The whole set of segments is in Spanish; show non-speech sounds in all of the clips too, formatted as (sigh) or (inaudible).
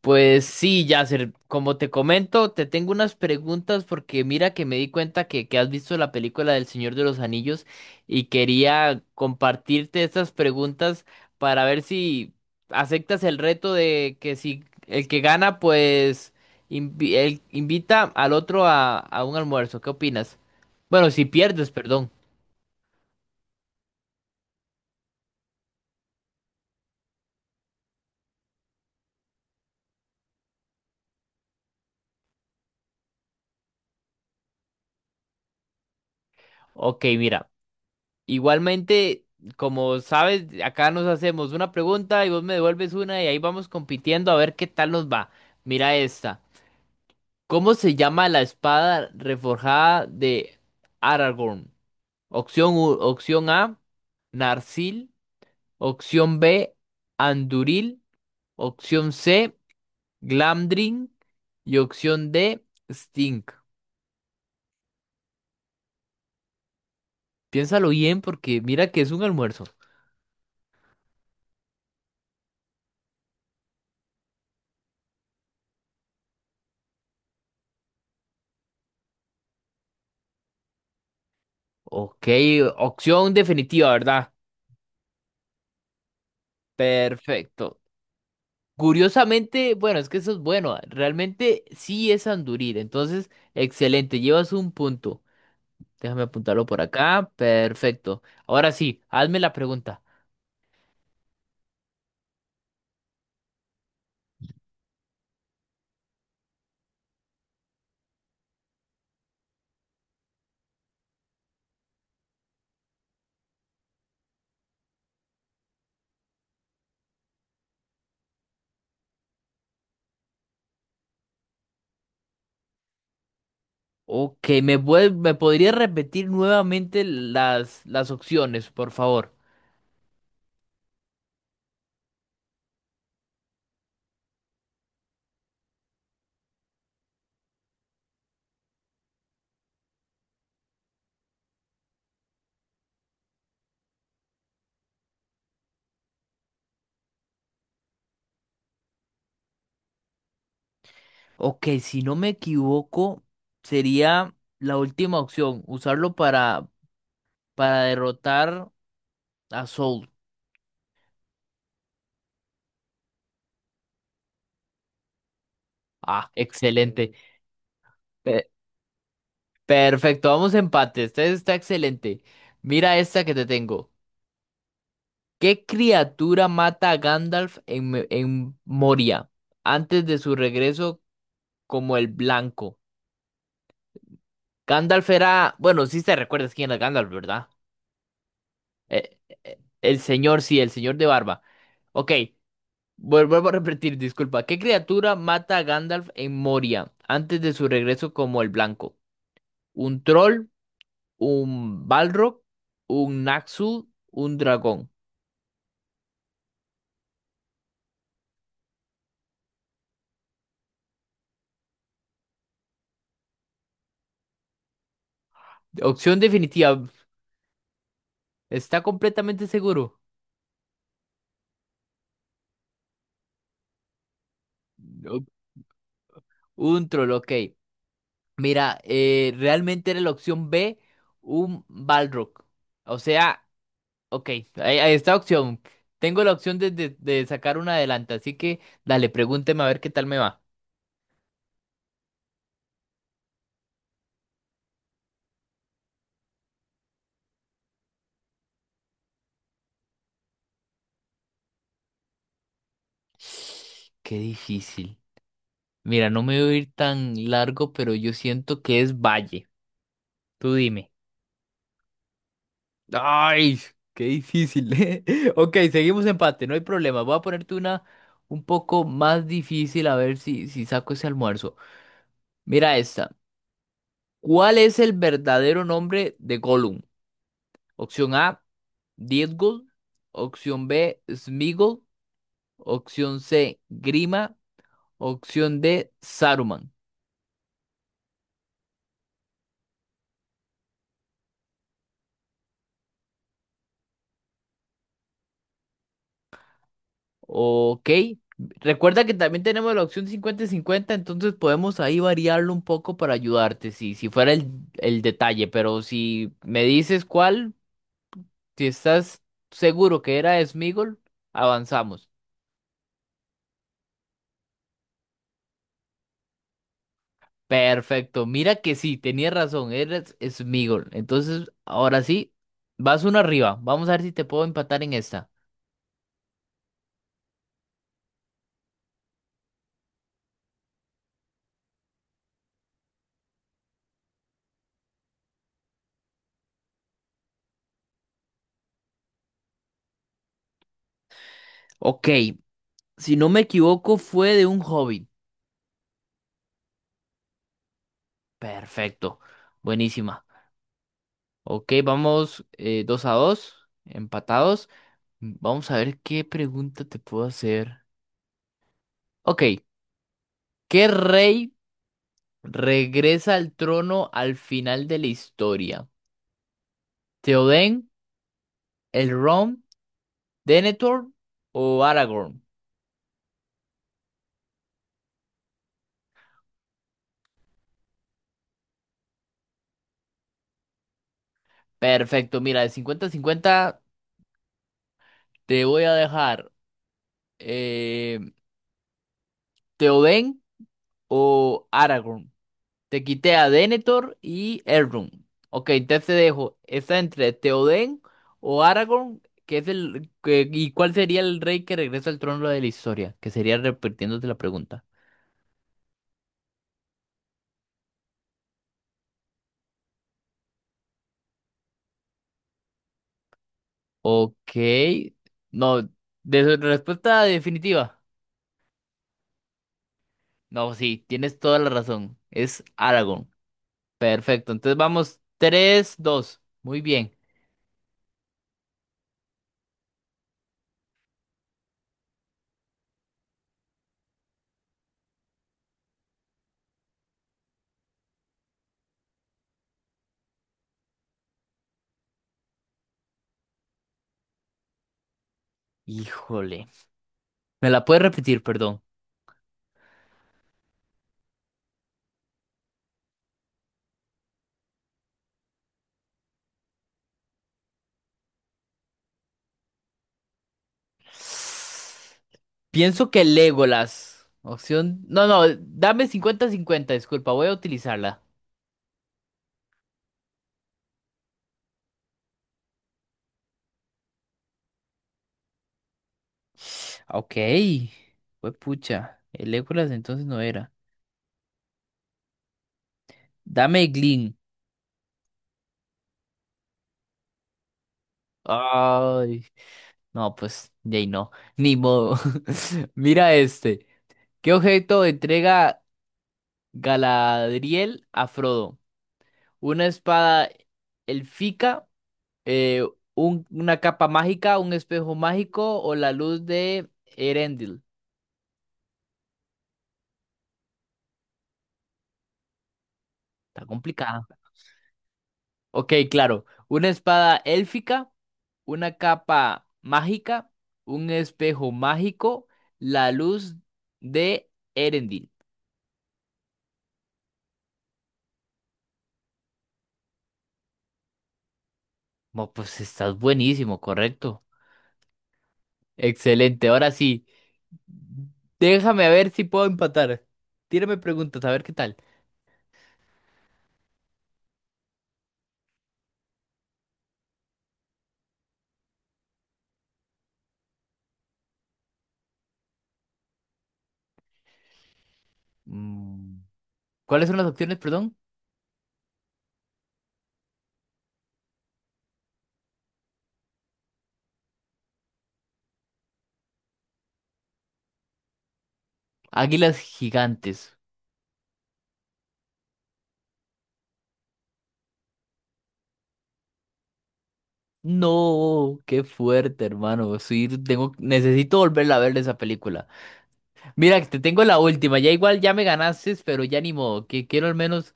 Pues sí, Yasser, como te comento, te tengo unas preguntas porque mira que me di cuenta que has visto la película del Señor de los Anillos y quería compartirte estas preguntas para ver si aceptas el reto de que si el que gana, pues invita al otro a un almuerzo. ¿Qué opinas? Bueno, si pierdes, perdón. Ok, mira. Igualmente, como sabes, acá nos hacemos una pregunta y vos me devuelves una y ahí vamos compitiendo a ver qué tal nos va. Mira esta. ¿Cómo se llama la espada reforjada de Aragorn? Opción A, Narsil. Opción B, Anduril. Opción C, Glamdring. Y opción D, Stink. Piénsalo bien porque mira que es un almuerzo. Ok, opción definitiva, ¿verdad? Perfecto. Curiosamente, bueno, es que eso es bueno. Realmente sí es Anduril. Entonces, excelente. Llevas un punto. Déjame apuntarlo por acá. Perfecto. Ahora sí, hazme la pregunta. Ok, me podrías repetir nuevamente las opciones, por favor? Ok, si no me equivoco, sería la última opción. Usarlo para derrotar a Soul. Ah, excelente. Perfecto, vamos a empate. Este está excelente. Mira esta que te tengo. ¿Qué criatura mata a Gandalf en Moria antes de su regreso como el blanco? Gandalf era, bueno, sí te recuerdas quién era Gandalf, ¿verdad? Eh, el señor, sí, el señor de barba. Ok, vuelvo a repetir, disculpa. ¿Qué criatura mata a Gandalf en Moria antes de su regreso como el blanco? ¿Un troll? ¿Un Balrog? ¿Un Naxu? ¿Un dragón? Opción definitiva. Está completamente seguro. No, un troll, ok. Mira, realmente era la opción B, un Balrog. O sea, ok, ahí está opción. Tengo la opción de sacar una adelante, así que dale, pregúnteme a ver qué tal me va. (sighs) Qué difícil. Mira, no me voy a ir tan largo, pero yo siento que es Valle. Tú dime. Ay, qué difícil, ¿eh? (laughs) Ok, seguimos empate, no hay problema. Voy a ponerte una un poco más difícil a ver si saco ese almuerzo. Mira esta. ¿Cuál es el verdadero nombre de Gollum? Opción A, Diezgul. Opción B, Smigol. Opción C, Grima. Opción D, Saruman. Ok. Recuerda que también tenemos la opción 50-50, entonces podemos ahí variarlo un poco para ayudarte, si, si fuera el detalle, pero si me dices cuál, si estás seguro que era Smigol, avanzamos. Perfecto, mira que sí, tenía razón, era Smigol. Entonces, ahora sí, vas uno arriba, vamos a ver si te puedo empatar en esta. Ok, si no me equivoco, fue de un hobby. Perfecto, buenísima. Ok, vamos 2-2, empatados. Vamos a ver qué pregunta te puedo hacer. Ok, ¿qué rey regresa al trono al final de la historia? ¿Theoden, Elrond, Denethor o Aragorn? Perfecto, mira, de 50 cincuenta te voy a dejar eh, Theoden o Aragorn. Te quité a Denethor y Elrond. Ok, entonces te dejo. Está entre Theoden o Aragorn. Que es el que- ¿Y cuál sería el rey que regresa al trono de la historia? Que sería repitiéndote la pregunta. Ok. No, de respuesta definitiva. No, sí, tienes toda la razón. Es Aragorn. Perfecto. Entonces vamos 3-2. Muy bien. Híjole. ¿Me la puedes repetir, perdón? Pienso que Legolas. Opción. No, no, dame cincuenta cincuenta disculpa, voy a utilizarla. Ah, ok. Fue pucha. El Legolas entonces no era. Dame Glin. Ay. No, pues, de ahí no. Ni modo. (laughs) Mira este. ¿Qué objeto entrega Galadriel a Frodo? Una espada elfica, eh, una capa mágica, un espejo mágico o la luz de Erendil. Está complicado. Ok, claro. Una espada élfica, una capa mágica, un espejo mágico, la luz de Erendil. Mo, pues estás buenísimo, correcto. Excelente, ahora sí. Déjame ver si puedo empatar. Tírame preguntas, a ver qué tal. Mm, ¿Cuáles son las opciones, perdón? Águilas gigantes. No, qué fuerte, hermano. Sí, tengo, necesito volverla a ver esa película. Mira, te tengo la última. Ya igual ya me ganaste, pero ya ni modo, que quiero al menos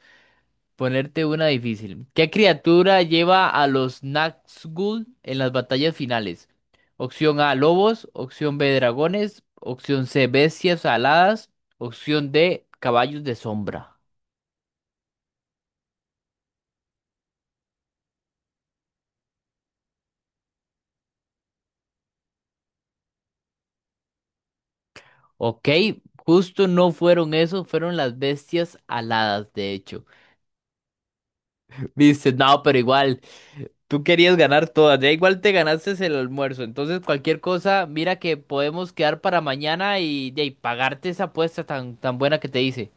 ponerte una difícil. ¿Qué criatura lleva a los Nazgûl en las batallas finales? Opción A, lobos. Opción B, dragones. Opción C, bestias aladas. Opción D, caballos de sombra. Ok, justo no fueron eso, fueron las bestias aladas, de hecho. (laughs) Viste, no, pero igual. Tú querías ganar todas, ya igual te ganaste el almuerzo, entonces cualquier cosa, mira que podemos quedar para mañana y, ya, y pagarte esa apuesta tan, tan buena que te hice.